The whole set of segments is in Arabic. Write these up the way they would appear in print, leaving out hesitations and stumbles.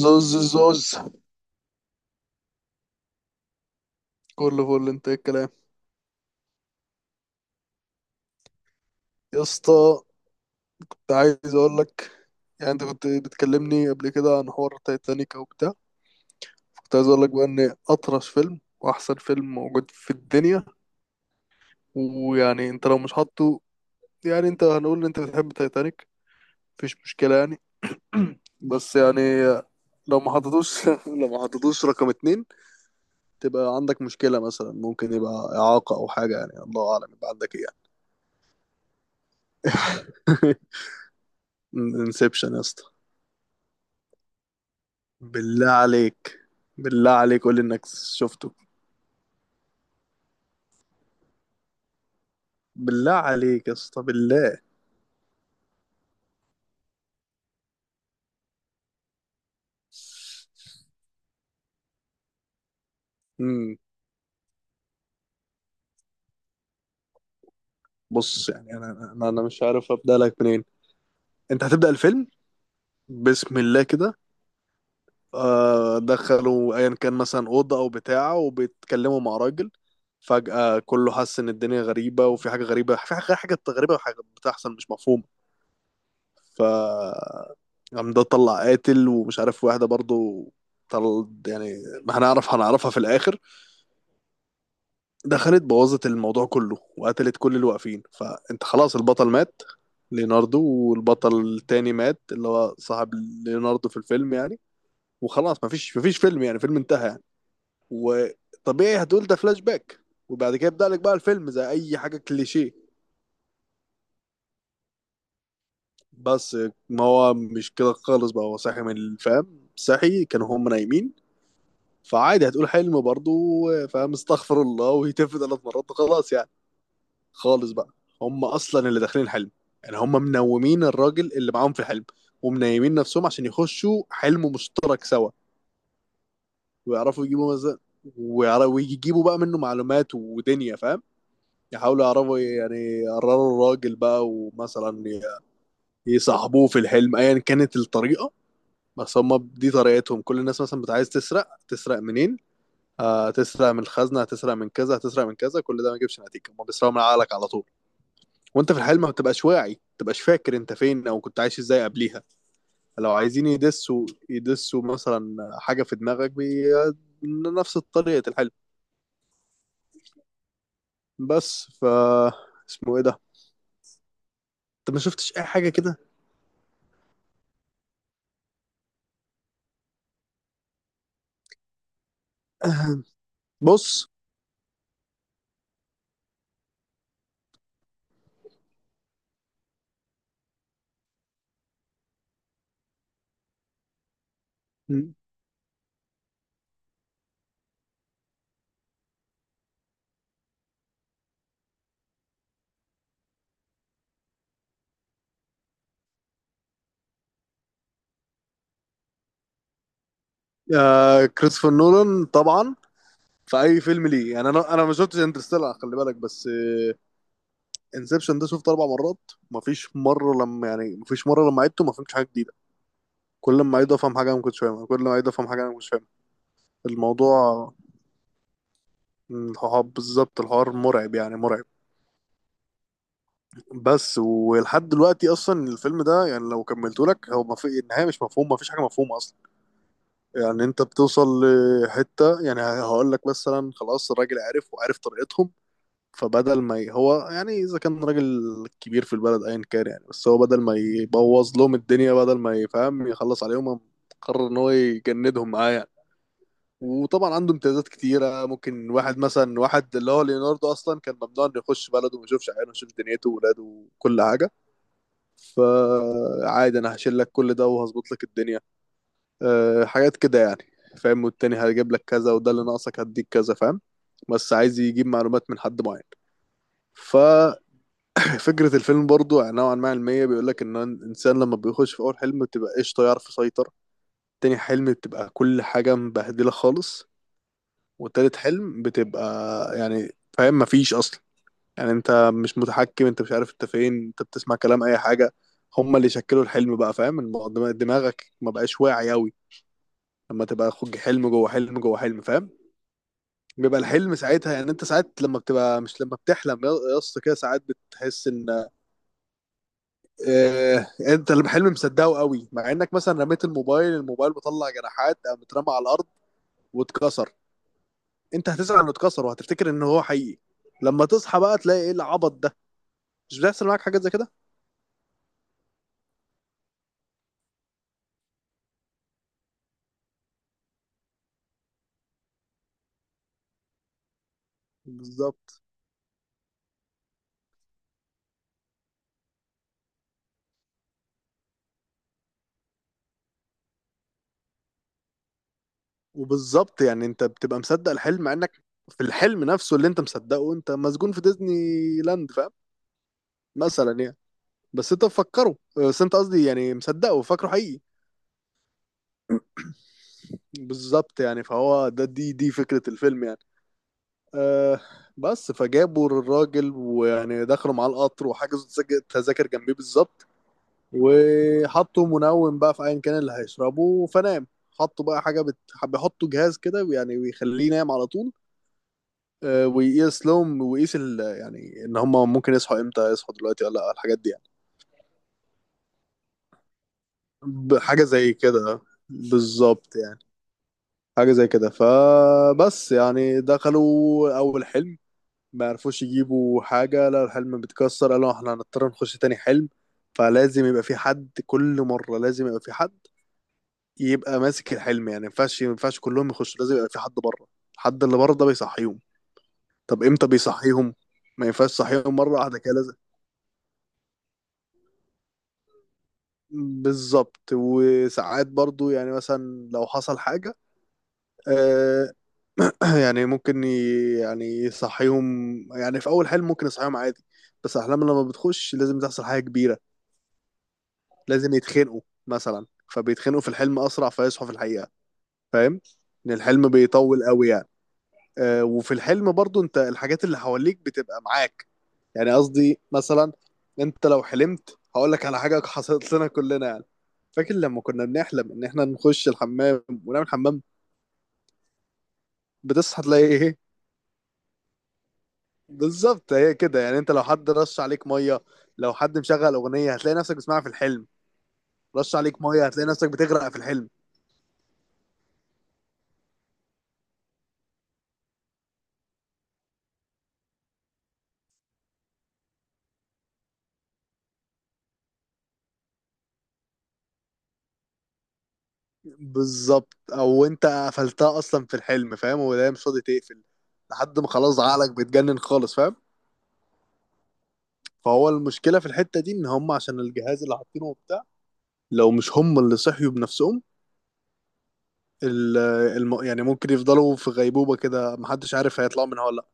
زوز زوز. كله فل، انت ايه الكلام؟ يا اسطى، كنت عايز اقول لك، يعني انت كنت بتكلمني قبل كده عن حوار تايتانيك وبتاع. كنت عايز اقول لك بقى ان اطرش فيلم واحسن فيلم موجود في الدنيا. ويعني انت لو مش حاطه، يعني انت هنقول ان انت بتحب تايتانيك، مفيش مشكلة يعني. بس يعني لو ما حطيتوش لو ما حطيتوش رقم 2، تبقى عندك مشكلة. مثلا ممكن يبقى إعاقة أو حاجة، يعني الله أعلم يبقى عندك إيه. يعني انسبشن يا اسطى، بالله عليك، بالله عليك قول لي انك شفته. بالله عليك يا اسطى، بالله. امم بص يعني انا مش عارف ابدا لك منين. انت هتبدا الفيلم بسم الله كده. دخلوا ايا كان، مثلا اوضه او بتاعه، وبيتكلموا مع راجل. فجاه كله حس ان الدنيا غريبه، وفي حاجه غريبه، في حاجه غريبه وحاجه بتحصل مش مفهومه. ف قام ده طلع قاتل، ومش عارف واحده برضو طل، يعني ما هنعرف، هنعرفها في الاخر، دخلت بوظت الموضوع كله وقتلت كل اللي واقفين. فانت خلاص البطل مات، ليوناردو، والبطل التاني مات اللي هو صاحب ليوناردو في الفيلم يعني. وخلاص مفيش فيلم، يعني فيلم انتهى يعني. وطبيعي هتقول ده فلاش باك، وبعد كده يبدأ لك بقى الفيلم زي اي حاجة كليشيه. بس ما هو مش كده خالص بقى، هو صاحي من الفهم، صحي، كانوا هم نايمين. فعادي هتقول حلم برضه، فاهم، استغفر الله، ويتف 3 مرات وخلاص يعني. خالص بقى، هم اصلا اللي داخلين الحلم، يعني هم منومين الراجل اللي معاهم في الحلم، ومنيمين نفسهم عشان يخشوا حلم مشترك سوا. ويعرفوا يجيبوا مثلا، ويجيبوا بقى منه معلومات ودنيا فاهم. يحاولوا يعرفوا، يعني يقرروا الراجل بقى، ومثلا يصاحبوه في الحلم ايا كانت الطريقة. بس هم دي طريقتهم. كل الناس مثلا بتبقى عايز تسرق، تسرق منين؟ تسرق من الخزنة، هتسرق من كذا، هتسرق من كذا، كل ده ما يجيبش نتيجة. هم بيسرقوا من عقلك على طول، وانت في الحال ما بتبقاش واعي، ما بتبقاش فاكر انت فين او كنت عايش ازاي قبليها. لو عايزين يدسوا، يدسوا مثلا حاجه في دماغك نفس طريقه الحلم. بس اسمه ايه ده؟ انت ما شفتش اي حاجه كده؟ بص، كريستوفر نولان طبعا في اي فيلم ليه يعني. انا ما شفتش انترستيلر خلي بالك، بس انسبشن ده شفته 4 مرات. ما فيش مره لما يعني، ما فيش مره لما عدته ما فهمتش حاجه جديده. كل ما عيد افهم حاجه انا ما كنتش فاهمها، كل ما عيد افهم حاجه انا ما كنتش فاهمها. الموضوع هو بالظبط الحوار مرعب يعني، مرعب. بس ولحد دلوقتي اصلا الفيلم ده، يعني لو كملته لك، هو ما في النهايه مش مفهوم، ما فيش حاجه مفهومه اصلا. يعني انت بتوصل لحته، يعني هقول لك مثلا خلاص الراجل عرف وعرف طريقتهم، فبدل ما هو يعني، اذا كان راجل كبير في البلد ايا كان يعني، بس هو بدل ما يبوظ لهم الدنيا، بدل ما يفهم يخلص عليهم، قرر ان هو يجندهم معاه يعني. وطبعا عنده امتيازات كتيرة. ممكن واحد مثلا، واحد اللي هو ليوناردو، أصلا كان ممنوع إنه يخش بلده وما يشوفش عياله ويشوف دنيته وولاده وكل حاجة. فعادي أنا هشيل لك كل ده وهظبط لك الدنيا، أه حاجات كده يعني، فاهم. والتاني هجيب لك كذا، وده اللي ناقصك هديك كذا، فاهم. بس عايز يجيب معلومات من حد معين. ففكرة الفيلم برضو يعني نوعا ما علمية، بيقول لك إن الإنسان لما بيخش في أول حلم بتبقى قشطة، يعرف يسيطر. تاني حلم بتبقى كل حاجة مبهدلة خالص. وتالت حلم بتبقى يعني فاهم مفيش اصلا. يعني انت مش متحكم، انت مش عارف انت فين، انت بتسمع كلام اي حاجه. هما اللي شكلوا الحلم بقى فاهم. دماغك ما بقاش واعي قوي، لما تبقى خد حلم جوه حلم جوه حلم فاهم. بيبقى الحلم ساعتها يعني، انت ساعات لما بتبقى مش، لما بتحلم يا اسطى كده، ساعات بتحس ان اه انت الحلم مصدقه قوي، مع انك مثلا رميت الموبايل، الموبايل مطلع جناحات، قام اترمى على الارض واتكسر. انت هتزعل انه اتكسر، وهتفتكر ان هو حقيقي. لما تصحى بقى تلاقي ايه العبط ده؟ مش بيحصل معاك حاجات زي كده؟ بالظبط. وبالظبط يعني انت بتبقى مصدق الحلم، مع انك في الحلم نفسه اللي انت مصدقه انت مسجون في ديزني لاند فاهم، مثلا يعني. بس انت مفكره، بس انت قصدي يعني مصدقه وفاكره حقيقي. بالظبط يعني. فهو ده، دي فكرة الفيلم يعني. أه. بس فجابوا الراجل، ويعني دخلوا معاه القطر، وحجزوا تذاكر جنبيه بالظبط، وحطوا منوم بقى في ايا كان اللي هيشربه فنام. حطوا بقى حاجه بيحطوا جهاز كده، يعني بيخليه ينام على طول. ويقيس لهم، ويقيس يعني ان هم ممكن يصحوا امتى، يصحوا دلوقتي ولا لا، الحاجات دي يعني. حاجه زي كده، بالظبط يعني، حاجه زي كده. فبس يعني دخلوا اول حلم ما عرفوش يجيبوا حاجه، لا الحلم بيتكسر، قالوا احنا هنضطر نخش تاني حلم. فلازم يبقى في حد، كل مره لازم يبقى في حد يبقى ماسك الحلم، يعني ما ينفعش، ما ينفعش كلهم يخشوا، لازم يبقى في حد بره. الحد اللي بره ده بيصحيهم. طب امتى بيصحيهم؟ ما ينفعش تصحيهم مره واحده كده، لازم. بالظبط. وساعات برضو يعني مثلا لو حصل حاجه، آه، يعني ممكن يعني يصحيهم. يعني في اول حلم ممكن يصحيهم عادي، بس احلام لما بتخش لازم تحصل حاجه كبيره، لازم يتخنقوا مثلا. فبيتخنقوا في الحلم اسرع، فيصحوا في الحقيقه، فاهم، ان الحلم بيطول قوي يعني. وفي الحلم برضو، انت الحاجات اللي حواليك بتبقى معاك. يعني قصدي مثلا، انت لو حلمت، هقول لك على حاجه حصلت لنا كلنا يعني. فاكر لما كنا بنحلم ان احنا نخش الحمام ونعمل حمام، بتصحى تلاقي ايه؟ بالظبط، هي كده يعني. انت لو حد رش عليك ميه، لو حد مشغل اغنيه هتلاقي نفسك بتسمعها في الحلم، رش عليك ميه هتلاقي نفسك بتغرق في الحلم. بالظبط، او انت قفلتها اصلا في الحلم فاهم، ولا هي مش راضي تقفل لحد ما خلاص عقلك بيتجنن خالص فاهم. فهو المشكله في الحته دي، ان هم عشان الجهاز اللي حاطينه وبتاع، لو مش هم اللي صحيوا بنفسهم، ال- يعني ممكن يفضلوا في غيبوبه كده، محدش عارف هيطلعوا منها ولا لا،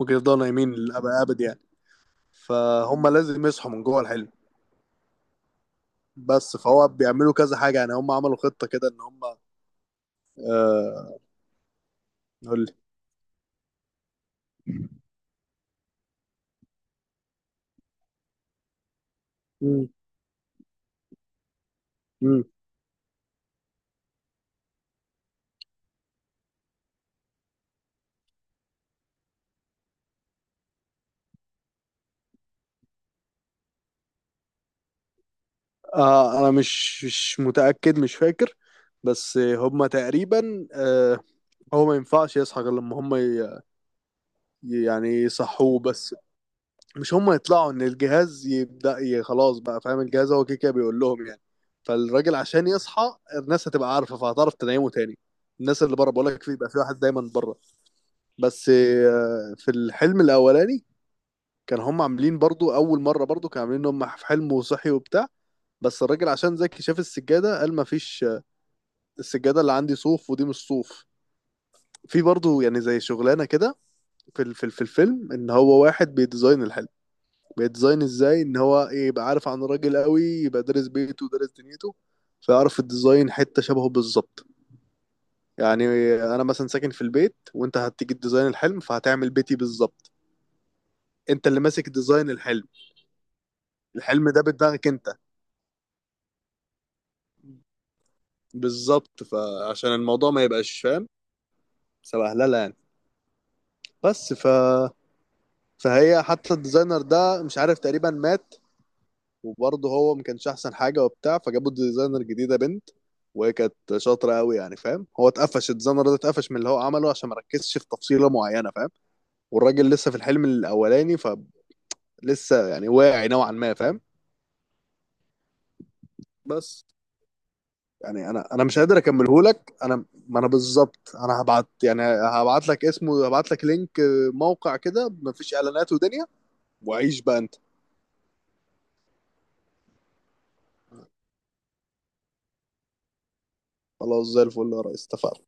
ممكن يفضلوا نايمين للابد ابد يعني. فهم لازم يصحوا من جوه الحلم. بس فهو بيعملوا كذا حاجه، يعني هم عملوا خطه كده ان هم آه... قول لي. مم. مم. انا مش متاكد، مش فاكر، بس هم تقريبا آه. هو ما ينفعش يصحى غير لما هم ي... يعني يصحوه بس، مش هم يطلعوا، ان الجهاز يبدا خلاص بقى فاهم، الجهاز هو كده كده بيقول لهم يعني. فالراجل عشان يصحى الناس هتبقى عارفه، فهتعرف تنيمه تاني. الناس اللي بره، بقول لك، في بقى في واحد دايما بره. بس آه، في الحلم الاولاني، كان هم عاملين برضو، اول مره برضو كانوا عاملين ان هم في حلم وصحي وبتاع، بس الراجل عشان ذكي شاف السجاده، قال ما فيش آه، السجاده اللي عندي صوف ودي مش صوف. في برضو يعني زي شغلانه كده في الفيلم، ان هو واحد بيديزاين الحلم. بيتزاين ازاي ان هو ايه، يبقى عارف عن الراجل قوي، يبقى دارس بيته ودارس دنيته، فيعرف الديزاين حتة شبهه بالظبط. يعني انا مثلا ساكن في البيت، وانت هتيجي تديزاين الحلم فهتعمل بيتي بالظبط. انت اللي ماسك ديزاين الحلم، الحلم ده بدماغك انت. بالظبط. فعشان الموضوع ما يبقاش فاهم، سبهلله يعني. بس فهي حتى الديزاينر ده مش عارف، تقريبا مات، وبرضه هو ما كانش احسن حاجه وبتاع، فجابوا الديزاينر جديده بنت، وهي كانت شاطره قوي يعني فاهم. هو اتقفش الديزاينر ده، اتقفش من اللي هو عمله عشان ما ركزش في تفصيله معينه فاهم. والراجل لسه في الحلم الاولاني، فلسه يعني واعي نوعا ما فاهم. بس يعني انا مش قادر اكمله لك. انا ما انا بالظبط، انا هبعت، يعني هبعت لك اسمه، هبعت لك لينك آه، موقع كده مفيش اعلانات ودنيا، وعيش بقى انت. خلاص زي الفل يا ريس، اتفقنا.